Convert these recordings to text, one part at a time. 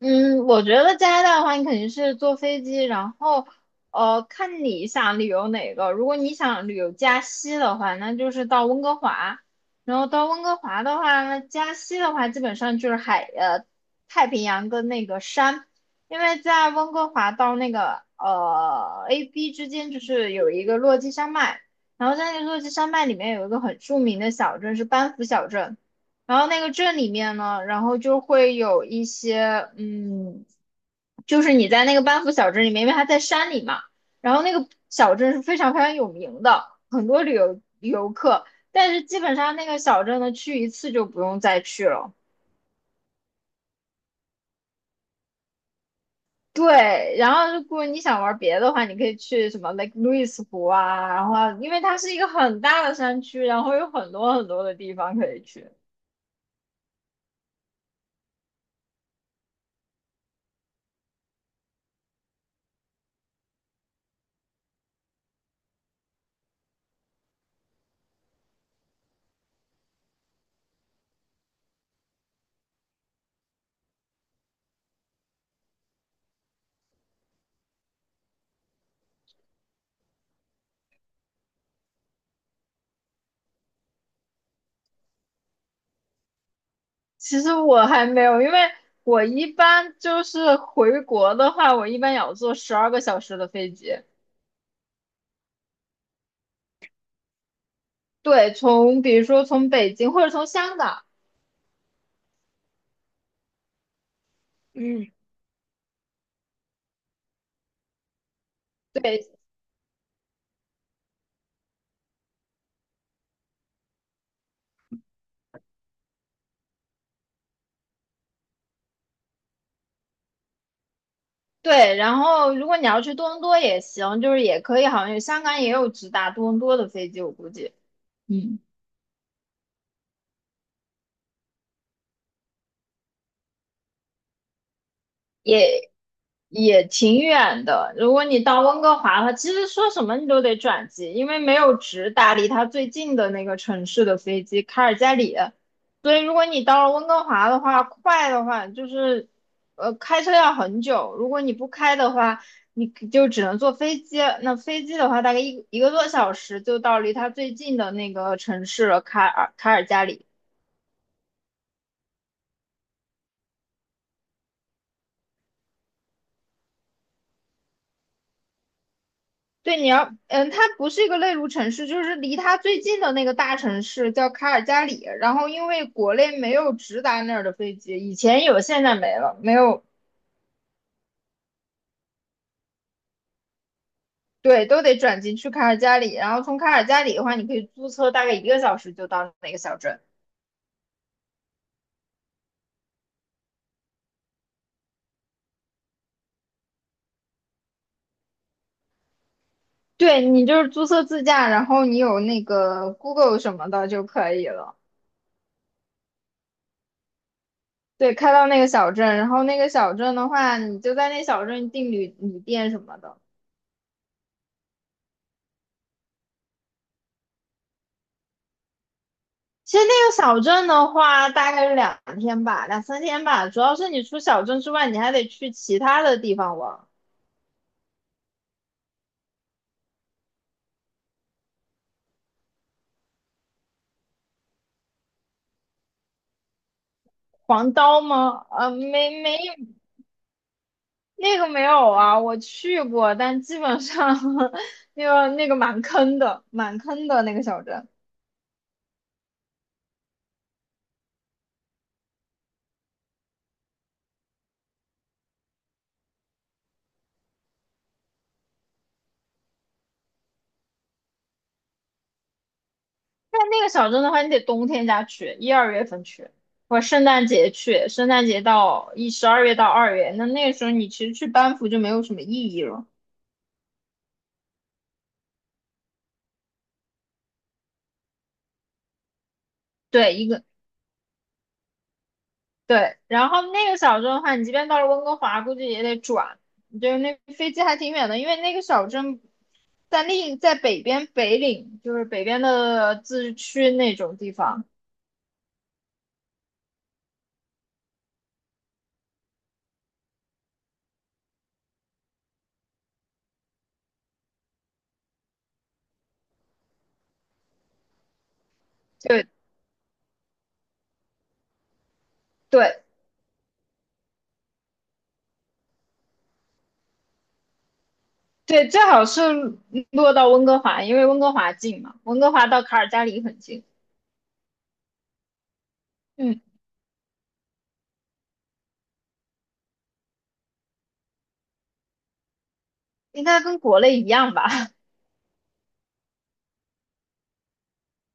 嗯，我觉得加拿大的话，你肯定是坐飞机，然后看你想旅游哪个。如果你想旅游加西的话，那就是到温哥华，然后到温哥华的话，那加西的话基本上就是太平洋跟那个山，因为在温哥华到那个AB 之间就是有一个落基山脉，然后在那个落基山脉里面有一个很著名的小镇是班夫小镇。然后那个镇里面呢，然后就会有一些，就是你在那个班夫小镇里面，因为它在山里嘛，然后那个小镇是非常非常有名的，很多旅游游客，但是基本上那个小镇呢，去一次就不用再去了。对，然后如果你想玩别的话，你可以去什么 Lake Louise 湖啊，然后啊因为它是一个很大的山区，然后有很多很多的地方可以去。其实我还没有，因为我一般就是回国的话，我一般也要坐12个小时的飞机。对，从比如说从北京或者从香港，嗯，对，对。然后如果你要去多伦多也行，就是也可以，好像有香港也有直达多伦多的飞机，我估计。嗯，也也挺远的。如果你到温哥华的话，其实说什么你都得转机，因为没有直达离它最近的那个城市的飞机，卡尔加里。所以如果你到了温哥华的话，快的话就是，开车要很久。如果你不开的话，你就只能坐飞机。那飞机的话，大概一个多小时就到离它最近的那个城市了，卡尔加里。对，你要，嗯，它不是一个内陆城市，就是离它最近的那个大城市叫卡尔加里。然后因为国内没有直达那儿的飞机，以前有，现在没了，没有，对，都得转机去卡尔加里。然后从卡尔加里的话，你可以租车，大概一个小时就到那个小镇。对，你就是租车自驾，然后你有那个 Google 什么的就可以了。对，开到那个小镇，然后那个小镇的话，你就在那小镇订旅店什么的。其实那个小镇的话，大概是两天吧，两三天吧。主要是你除小镇之外，你还得去其他的地方玩。黄刀吗？呃，没没，那个没有啊，我去过，但基本上 那个蛮坑的，蛮坑的那个小镇。但那个小镇的话，你得冬天家去，一二月份去，或者圣诞节去，圣诞节到12月到2月，那那个时候你其实去班夫就没有什么意义了。对，一个对，然后那个小镇的话，你即便到了温哥华，估计也得转，就是那飞机还挺远的，因为那个小镇在北边北岭，就是北边的自治区那种地方。对对对，最好是落到温哥华，因为温哥华近嘛，温哥华到卡尔加里很近。嗯，应该跟国内一样吧？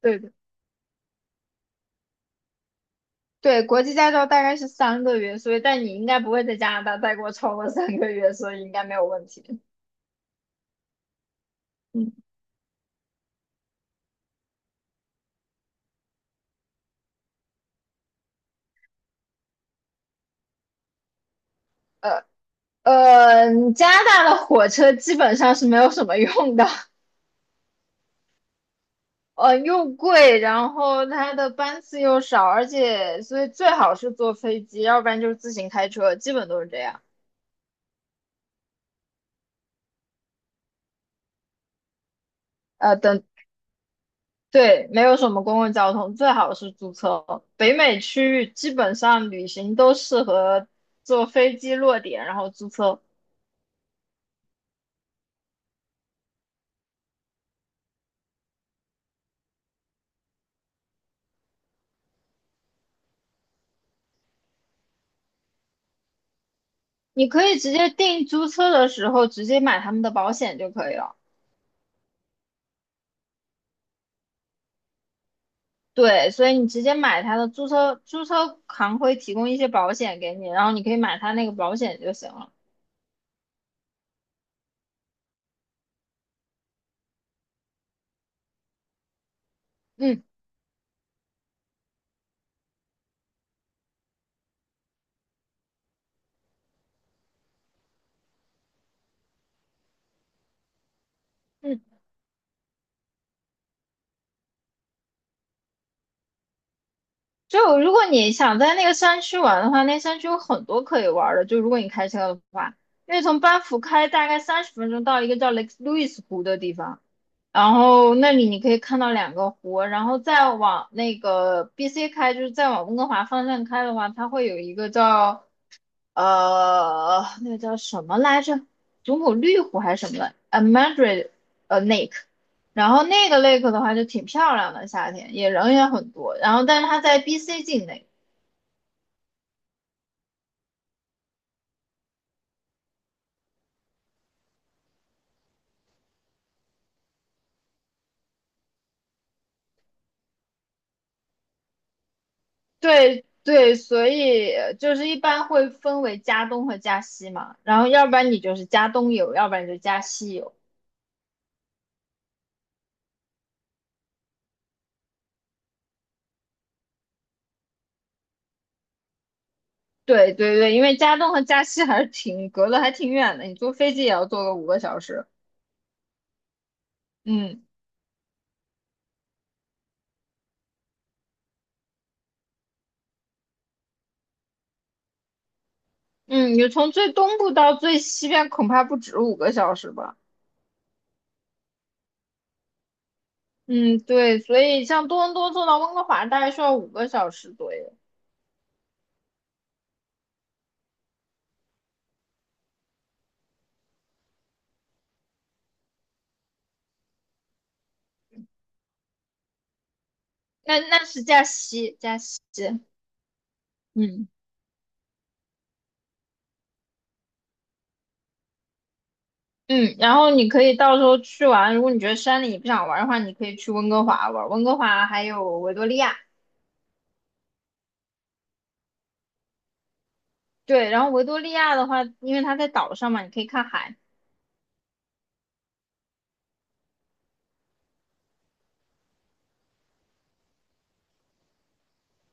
对对对，国际驾照大概是三个月，所以但你应该不会在加拿大待过超过三个月，所以应该没有问题。嗯。呃，呃，加拿大的火车基本上是没有什么用的，又贵，然后它的班次又少，而且所以最好是坐飞机，要不然就是自行开车，基本都是这样。呃，等，对，没有什么公共交通，最好是租车。北美区域基本上旅行都适合坐飞机落点，然后租车。你可以直接订租车的时候直接买他们的保险就可以了。对，所以你直接买它的租车，租车行会提供一些保险给你，然后你可以买它那个保险就行了。嗯嗯，就如果你想在那个山区玩的话，那山区有很多可以玩的。就如果你开车的话，因为从班夫开大概30分钟到一个叫雷 a k e l o 湖的地方，然后那里你可以看到两个湖，然后再往那个 BC 开，就是再往温哥华方向开的话，它会有一个叫那个叫什么来着？祖母绿湖还是什么来呃 Madrid Lake，然后那个 lake 的话就挺漂亮的，夏天也人也很多。然后，但是它在 BC 境内，对对，所以就是一般会分为加东和加西嘛。然后，要不然你就是加东游，要不然你就加西游。对对对，因为加东和加西还是挺隔得还挺远的，你坐飞机也要坐个五个小时。嗯。嗯，你从最东部到最西边恐怕不止五个小时吧？嗯，对，所以像多伦多坐到温哥华大概需要五个小时左右。那那是加西，加西，嗯嗯。然后你可以到时候去玩，如果你觉得山里你不想玩的话，你可以去温哥华玩。温哥华还有维多利亚，对。然后维多利亚的话，因为它在岛上嘛，你可以看海。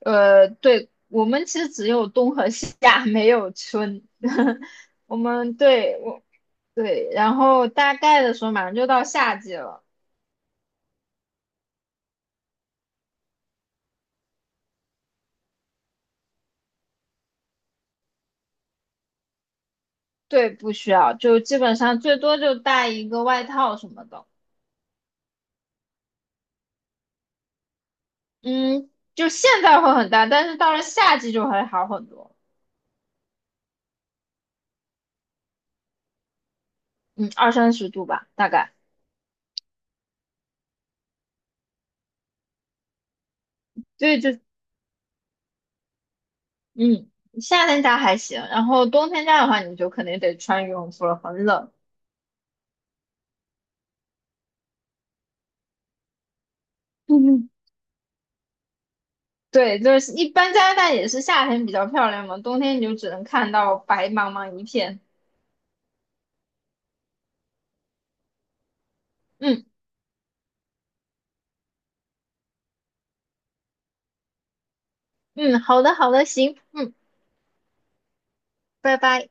对，我们其实只有冬和夏，没有春。我们对我对，然后大概的时候马上就到夏季了，对，不需要，就基本上最多就带一个外套什么的。嗯，就现在会很大，但是到了夏季就会好很多。嗯，二三十度吧，大概。对，嗯，夏天家还行，然后冬天家的话，你就肯定得穿羽绒服了，很冷。嗯 对，就是一般加拿大也是夏天比较漂亮嘛，冬天你就只能看到白茫茫一片。嗯嗯，好的好的，行，嗯，拜拜。